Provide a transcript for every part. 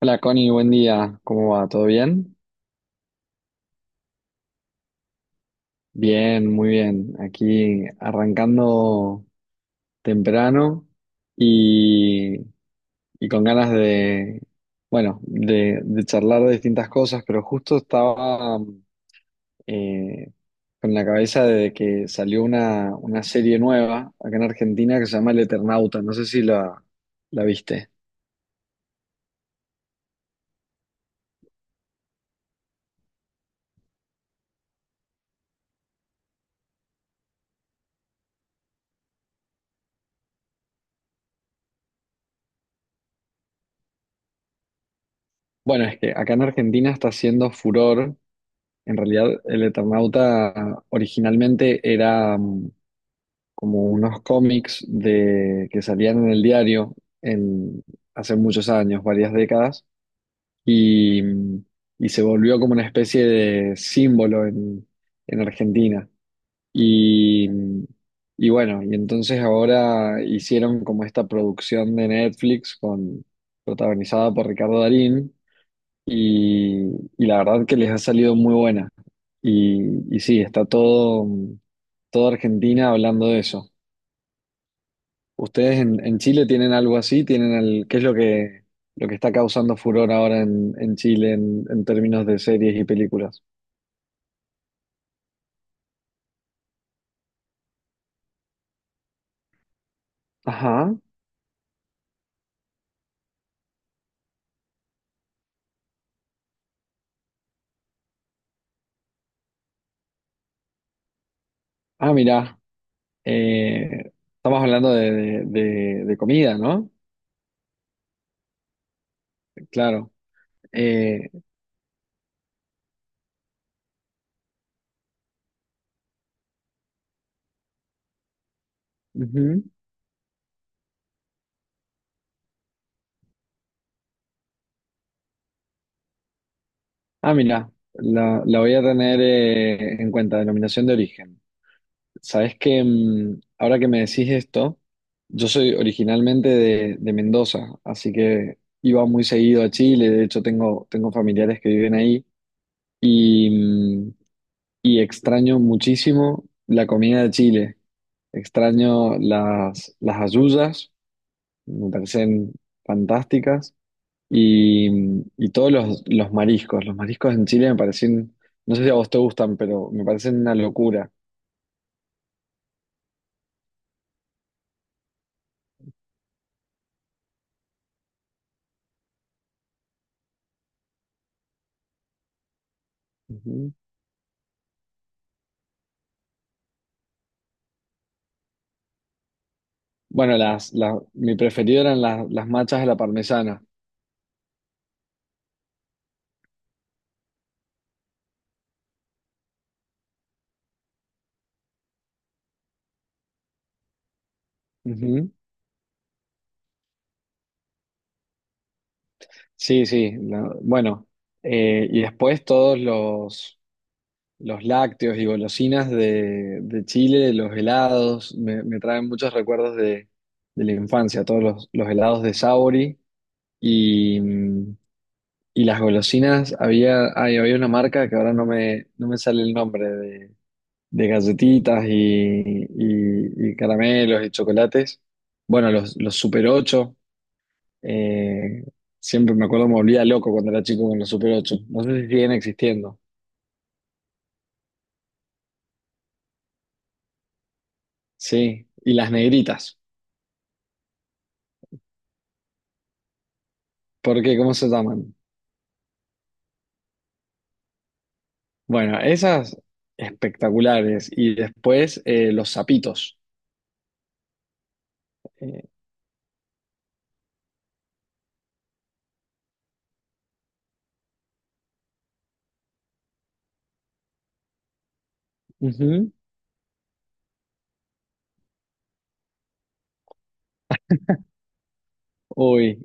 Hola Connie, buen día. ¿Cómo va? ¿Todo bien? Bien, muy bien. Aquí arrancando temprano y, y con ganas de, bueno, de charlar de distintas cosas, pero justo estaba eh, con la cabeza de que salió una serie nueva acá en Argentina que se llama El Eternauta. No sé si la viste. Bueno, es que acá en Argentina está haciendo furor. En realidad, el Eternauta originalmente era como unos cómics de, que salían en el diario en, hace muchos años, varias décadas, y, mm, y se volvió como una especie de símbolo en Argentina. Y, mm, y bueno, y entonces ahora hicieron como esta producción de Netflix con, protagonizada por Ricardo Darín y, y la verdad que les ha salido muy buena. Y sí, está todo, toda Argentina hablando de eso. ¿Ustedes en Chile tienen algo así? ¿Tienen el, qué es lo que está causando furor ahora en Chile en términos de series y películas? Ajá. Ah, mirá. Estamos hablando de, de comida, ¿no? Claro. Eh, ujú. Ah, mirá. La voy a tener en cuenta, denominación de origen. Sabes que ahora que me decís esto, yo soy originalmente de Mendoza, así que iba muy seguido a Chile, de hecho tengo, tengo familiares que viven ahí y, mm, y extraño muchísimo la comida de Chile, extraño las hallullas, me parecen fantásticas y todos los mariscos en Chile me parecen, no sé si a vos te gustan, pero me parecen una locura. Ujú. Bueno, mi preferido eran las machas de la parmesana. Ujú. Sí, sí. Bueno, y después todos los lácteos y golosinas de Chile, los helados, me traen muchos recuerdos de la infancia, todos los helados de Sauri y, mm, y las golosinas. Había, ay, había una marca que ahora no me, no me sale el nombre de galletitas y caramelos y chocolates. Bueno, los Super 8 eh, siempre me acuerdo, me volvía loco cuando era chico con los Super 8. No sé si siguen existiendo. Sí, y las negritas, porque ¿cómo se llaman? Bueno, esas espectaculares. Y después los zapitos. Eh, ujú. Uy,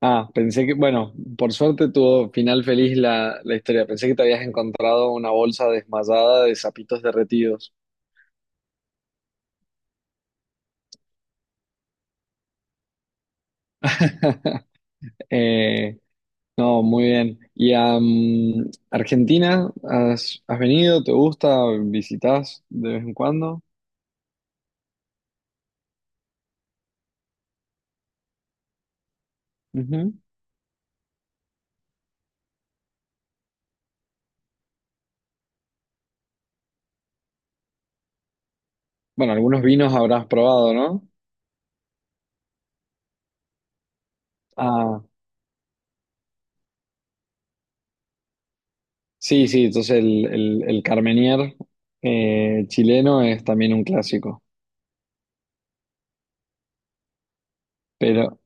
ah, pensé que, bueno, por suerte tuvo final feliz la, la historia. Pensé que te habías encontrado una bolsa desmayada de zapitos derretidos. Eh, no, muy bien. ¿Y a Argentina has, has venido? ¿Te gusta? ¿Visitas de vez en cuando? Ujú. Bueno, algunos vinos habrás probado, ¿no? Ah, sí, sí, entonces el Carmenier chileno es también un clásico. Pero,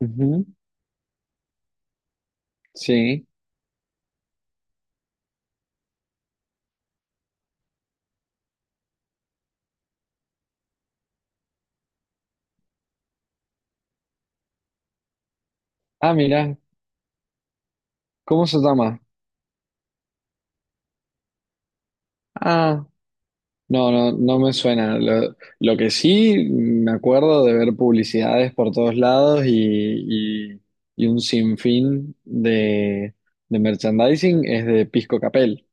ujú, sí. Ah, mira, ¿cómo se llama? Ah. No me suena. Lo que sí me acuerdo de ver publicidades por todos lados y un sinfín de merchandising es de Pisco Capel.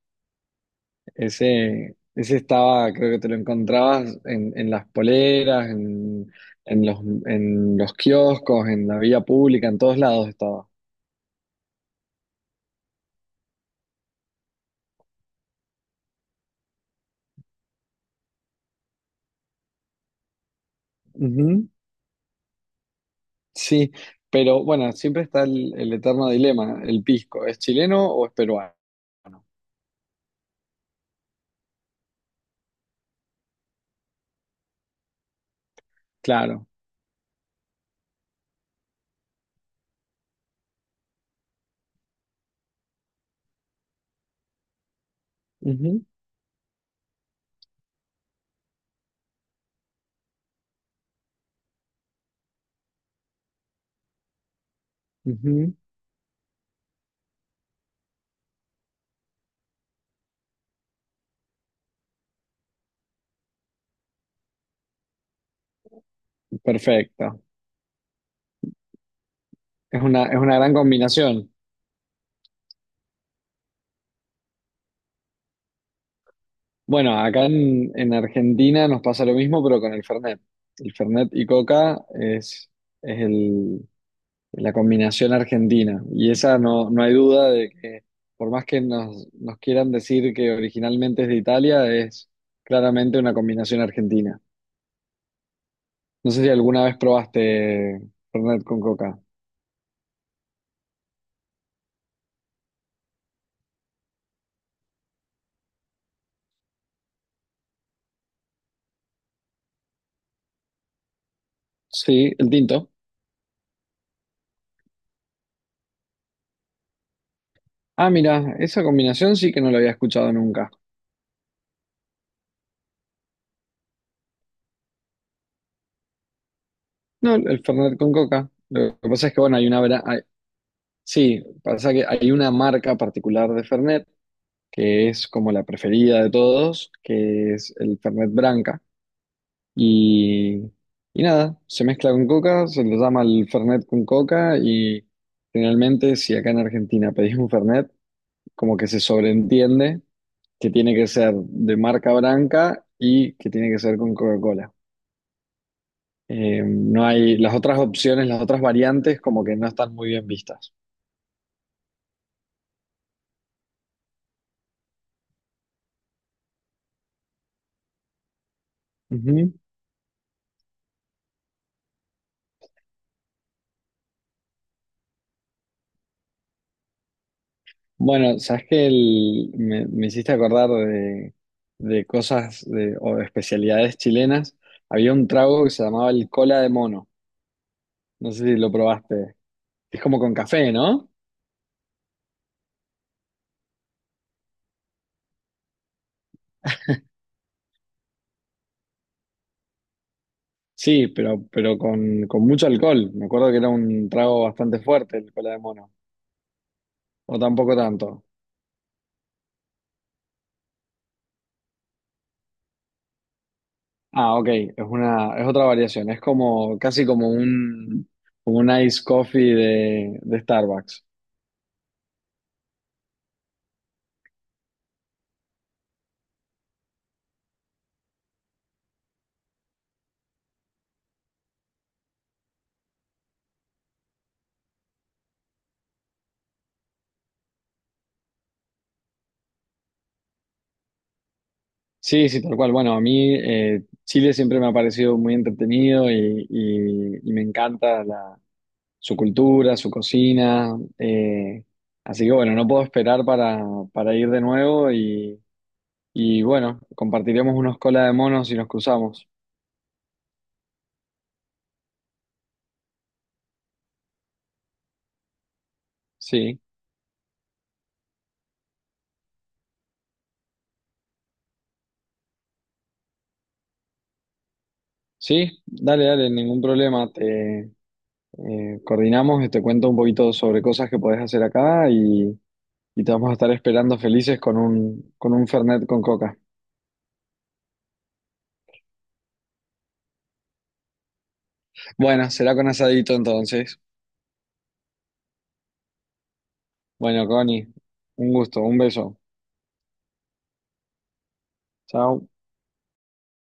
Ese estaba, creo que te lo encontrabas en las poleras, en los, en los kioscos, en la vía pública, en todos lados estaba. Ujú, sí, pero bueno, siempre está el eterno dilema, el pisco, ¿es chileno o es peruano? Claro. Ujú, ujú. Perfecto. Es una gran combinación. Bueno, acá en Argentina nos pasa lo mismo, pero con el Fernet. El Fernet y Coca es, es el- la combinación argentina. Y esa no, no hay duda de que, por más que nos, nos quieran decir que originalmente es de Italia, es claramente una combinación argentina. No sé si alguna vez probaste Fernet con Coca. Sí, el tinto. Ah, mira, esa combinación sí que no la había escuchado nunca. No, el Fernet con coca. Lo que pasa es que, bueno, hay una... sí, pasa que hay una marca particular de Fernet, que es como la preferida de todos, que es el Fernet Branca. Y, y nada, se mezcla con coca, se le llama el Fernet con coca y generalmente si acá en Argentina pedís un Fernet, como que se sobreentiende que tiene que ser de marca Branca y que tiene que ser con Coca-Cola. No hay las otras opciones, las otras variantes como que no están muy bien vistas. Ujú. Bueno, sabes que me, me hiciste acordar de, o de especialidades chilenas. Había un trago que se llamaba el cola de mono. No sé si lo probaste. Es como con café, ¿no? Sí, pero con mucho alcohol. Me acuerdo que era un trago bastante fuerte el cola de mono. O tampoco tanto. Ah, ok, es una, es otra variación, es como, casi como un ice coffee de Starbucks. Sí, sí, tal cual. Bueno, a mí Chile siempre me ha parecido muy entretenido y me encanta la, su cultura, su cocina. Así que bueno, no puedo esperar para ir de nuevo y bueno, compartiremos unos cola de monos y nos cruzamos. Sí, sí, dale, dale, ningún problema. Te. Coordinamos y te cuento un poquito sobre cosas que podés hacer acá y te vamos a estar esperando felices con un Fernet con coca. Bueno, será con asadito entonces. Bueno, Connie, un gusto, un beso. Chao.